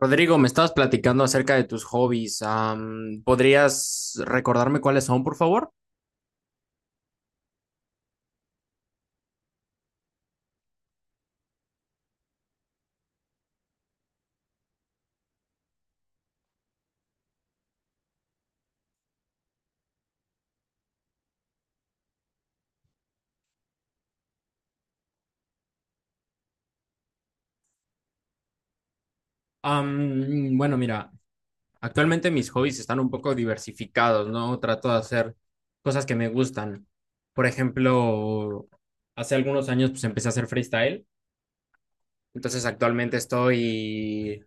Rodrigo, me estabas platicando acerca de tus hobbies. ¿Podrías recordarme cuáles son, por favor? Bueno, mira, actualmente mis hobbies están un poco diversificados, ¿no? Trato de hacer cosas que me gustan. Por ejemplo, hace algunos años pues empecé a hacer freestyle, entonces actualmente estoy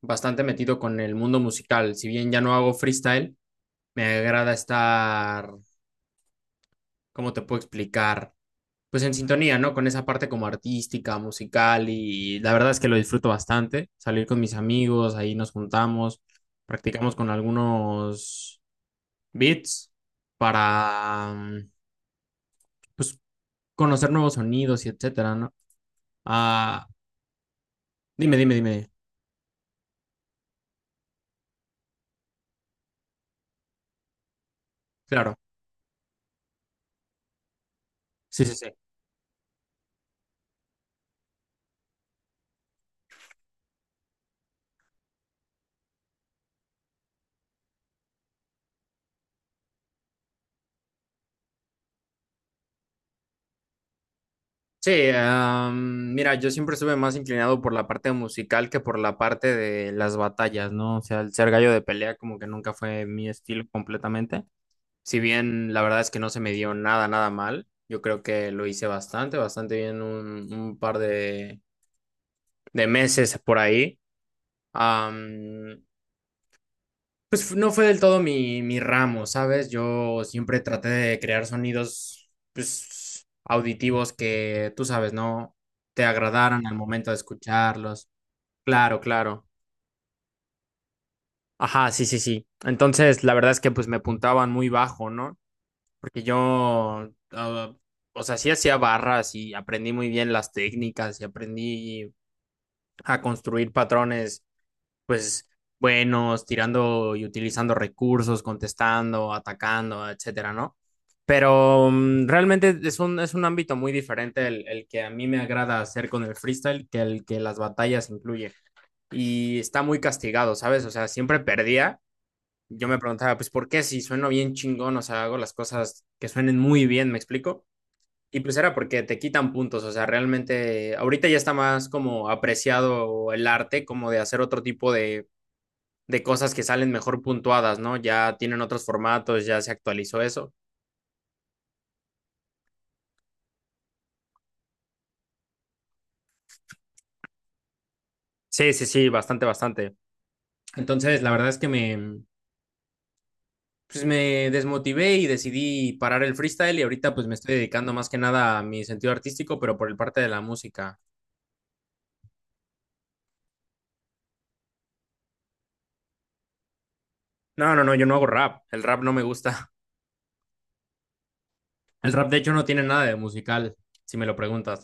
bastante metido con el mundo musical. Si bien ya no hago freestyle, me agrada estar, ¿cómo te puedo explicar? Pues en sintonía, ¿no? Con esa parte como artística, musical y la verdad es que lo disfruto bastante, salir con mis amigos, ahí nos juntamos, practicamos con algunos beats para pues conocer nuevos sonidos y etcétera, ¿no? Ah, dime, dime, dime. Claro. Sí, sí, sí. Sí, mira, yo siempre estuve más inclinado por la parte musical que por la parte de las batallas, ¿no? O sea, el ser gallo de pelea como que nunca fue mi estilo completamente. Si bien la verdad es que no se me dio nada, nada mal, yo creo que lo hice bastante, bastante bien un par de meses por ahí. Am, pues no fue del todo mi ramo, ¿sabes? Yo siempre traté de crear sonidos pues, auditivos que, tú sabes, ¿no? Te agradaran al momento de escucharlos. Claro, claro. Ajá, sí, sí, sí. Entonces, la verdad es que pues me apuntaban muy bajo, ¿no? Porque yo, ah, o sea, sí hacía barras y aprendí muy bien las técnicas y aprendí a construir patrones, pues, buenos, tirando y utilizando recursos, contestando, atacando, etcétera, ¿no? Pero realmente es un ámbito muy diferente el que a mí me agrada hacer con el freestyle que el que las batallas incluye. Y está muy castigado, ¿sabes? O sea, siempre perdía. Yo me preguntaba, pues, ¿por qué si sueno bien chingón? O sea, hago las cosas que suenen muy bien, ¿me explico? Y pues era porque te quitan puntos, o sea, realmente ahorita ya está más como apreciado el arte, como de hacer otro tipo de cosas que salen mejor puntuadas, ¿no? Ya tienen otros formatos, ya se actualizó eso. Sí, sí, sí, bastante, bastante. Entonces, la verdad es que pues me desmotivé y decidí parar el freestyle y ahorita pues me estoy dedicando más que nada a mi sentido artístico, pero por el parte de la música. No, no, no, yo no hago rap, el rap no me gusta. El rap de hecho no tiene nada de musical, si me lo preguntas.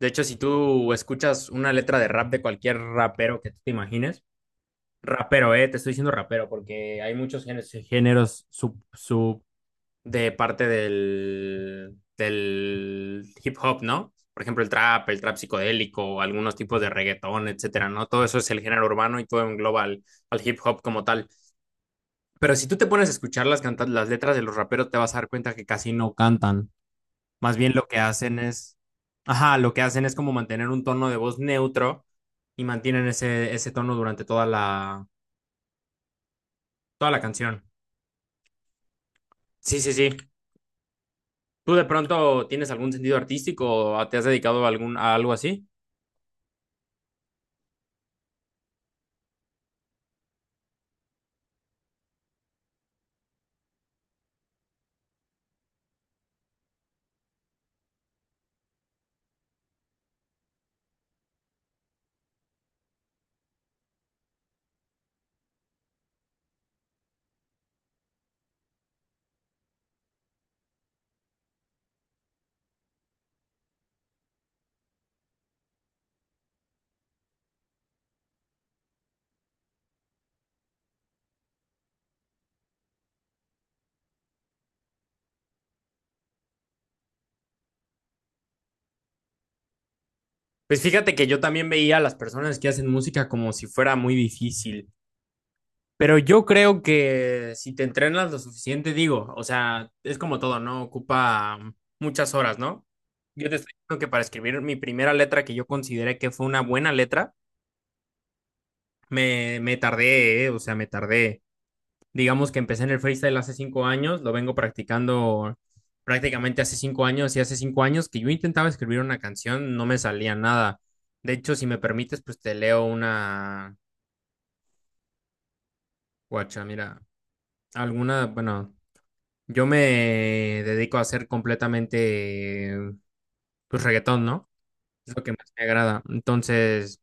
De hecho, si tú escuchas una letra de rap de cualquier rapero que tú te imagines, rapero, te estoy diciendo rapero, porque hay muchos géneros, géneros sub de parte del hip hop, ¿no? Por ejemplo, el trap psicodélico, algunos tipos de reggaetón, etcétera, ¿no? Todo eso es el género urbano y todo engloba al, al hip hop como tal. Pero si tú te pones a escuchar las, las letras de los raperos, te vas a dar cuenta que casi no cantan. Más bien lo que hacen es, ajá, lo que hacen es como mantener un tono de voz neutro y mantienen ese tono durante toda la canción. Sí, sí, sí. ¿Tú de pronto tienes algún sentido artístico o te has dedicado a algo así? Pues fíjate que yo también veía a las personas que hacen música como si fuera muy difícil. Pero yo creo que si te entrenas lo suficiente, digo, o sea, es como todo, ¿no? Ocupa muchas horas, ¿no? Yo te estoy diciendo que para escribir mi primera letra, que yo consideré que fue una buena letra, me tardé, o sea, me tardé. Digamos que empecé en el freestyle hace 5 años, lo vengo practicando prácticamente hace 5 años y hace cinco años que yo intentaba escribir una canción, no me salía nada. De hecho, si me permites, pues te leo una, guacha, mira, alguna, bueno, yo me dedico a hacer completamente, pues reggaetón, ¿no? Es lo que más me agrada. Entonces,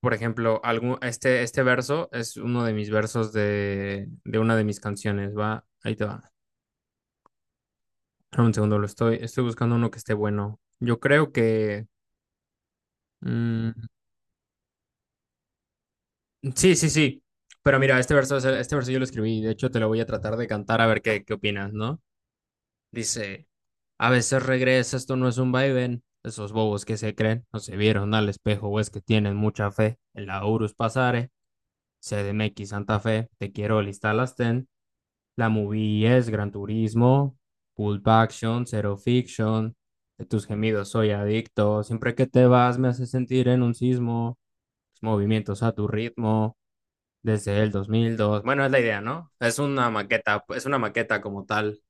por ejemplo, este verso es uno de mis versos de una de mis canciones, va, ahí te va. Espera un segundo, lo estoy buscando uno que esté bueno. Yo creo que... mm, sí, sí, sí. Pero mira, este verso, este verso yo lo escribí. De hecho, te lo voy a tratar de cantar a ver qué, qué opinas, ¿no? Dice, a veces regresa, esto no es un vaivén. Esos bobos que se creen no se vieron al espejo o es que tienen mucha fe. En la Urus pasare, CDMX Santa Fe, te quiero lista las ten. La movie es Gran Turismo, Pulp Action, Zero Fiction, de tus gemidos soy adicto, siempre que te vas me hace sentir en un sismo, tus movimientos a tu ritmo, desde el 2002. Bueno, es la idea, ¿no? Es una maqueta como tal.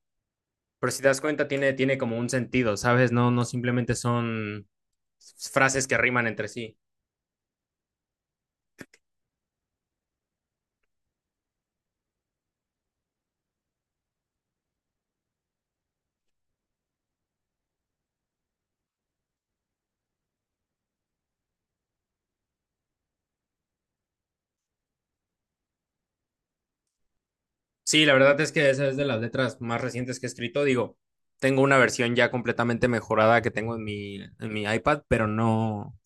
Pero si te das cuenta, tiene como un sentido, ¿sabes? No, no simplemente son frases que riman entre sí. Sí, la verdad es que esa es de las letras más recientes que he escrito. Digo, tengo una versión ya completamente mejorada que tengo en mi iPad, pero no,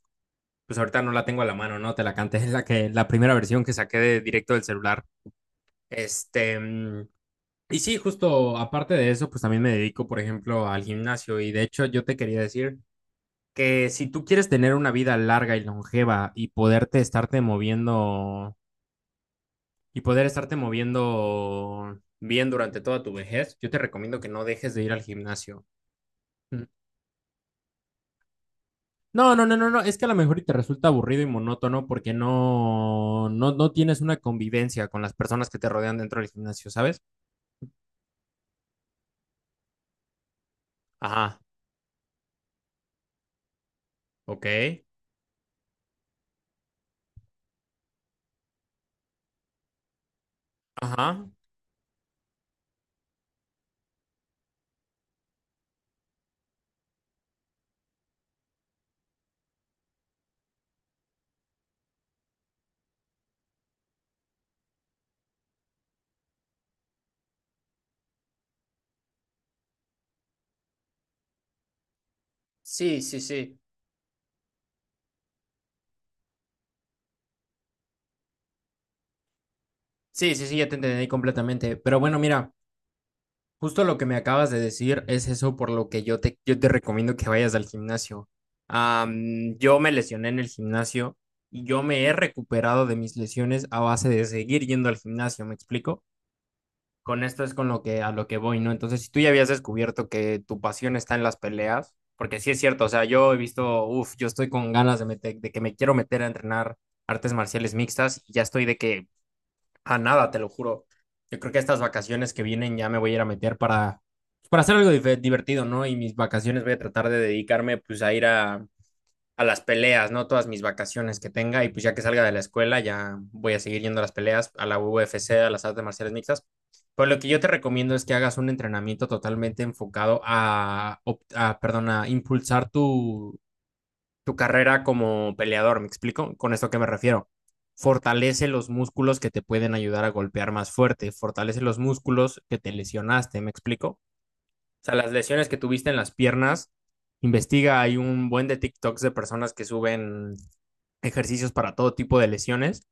pues ahorita no la tengo a la mano, ¿no? Te la canté, es la que, la primera versión que saqué de directo del celular. Este, mm, y sí, justo aparte de eso, pues también me dedico, por ejemplo, al gimnasio. Y de hecho, yo te quería decir que si tú quieres tener una vida larga y longeva y poderte estarte moviendo y poder estarte moviendo bien durante toda tu vejez, yo te recomiendo que no dejes de ir al gimnasio. Mm. No, no, no, no, no, es que a lo mejor y te resulta aburrido y monótono porque no tienes una convivencia con las personas que te rodean dentro del gimnasio, ¿sabes? Ajá, ok, ajá. Sí, sí, sí. Sí, sí, sí, ya te entendí completamente. Pero bueno, mira. Justo lo que me acabas de decir es eso por lo que yo te recomiendo que vayas al gimnasio. Yo me lesioné en el gimnasio y yo me he recuperado de mis lesiones a base de seguir yendo al gimnasio, ¿me explico? Con esto es con lo que a lo que voy, ¿no? Entonces, si tú ya habías descubierto que tu pasión está en las peleas, porque sí es cierto, o sea, yo he visto, uff, yo estoy con ganas de meter, de que me quiero meter a entrenar artes marciales mixtas y ya estoy de que a nada, te lo juro. Yo creo que estas vacaciones que vienen ya me voy a ir a meter para, pues, para hacer algo divertido, ¿no? Y mis vacaciones voy a tratar de dedicarme pues a ir a las peleas, ¿no? Todas mis vacaciones que tenga y pues ya que salga de la escuela ya voy a seguir yendo a las peleas, a la UFC, a las artes marciales mixtas. Pero lo que yo te recomiendo es que hagas un entrenamiento totalmente enfocado a, a perdón, a impulsar tu carrera como peleador, ¿me explico? Con esto a qué me refiero. Fortalece los músculos que te pueden ayudar a golpear más fuerte, fortalece los músculos que te lesionaste, ¿me explico? O sea, las lesiones que tuviste en las piernas, investiga, hay un buen de TikToks de personas que suben ejercicios para todo tipo de lesiones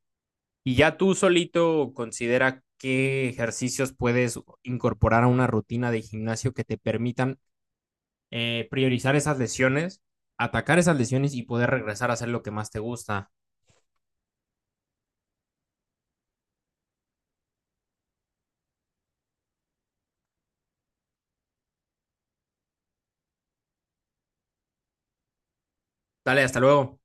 y ya tú solito considera qué ejercicios puedes incorporar a una rutina de gimnasio que te permitan priorizar esas lesiones, atacar esas lesiones y poder regresar a hacer lo que más te gusta. Dale, hasta luego.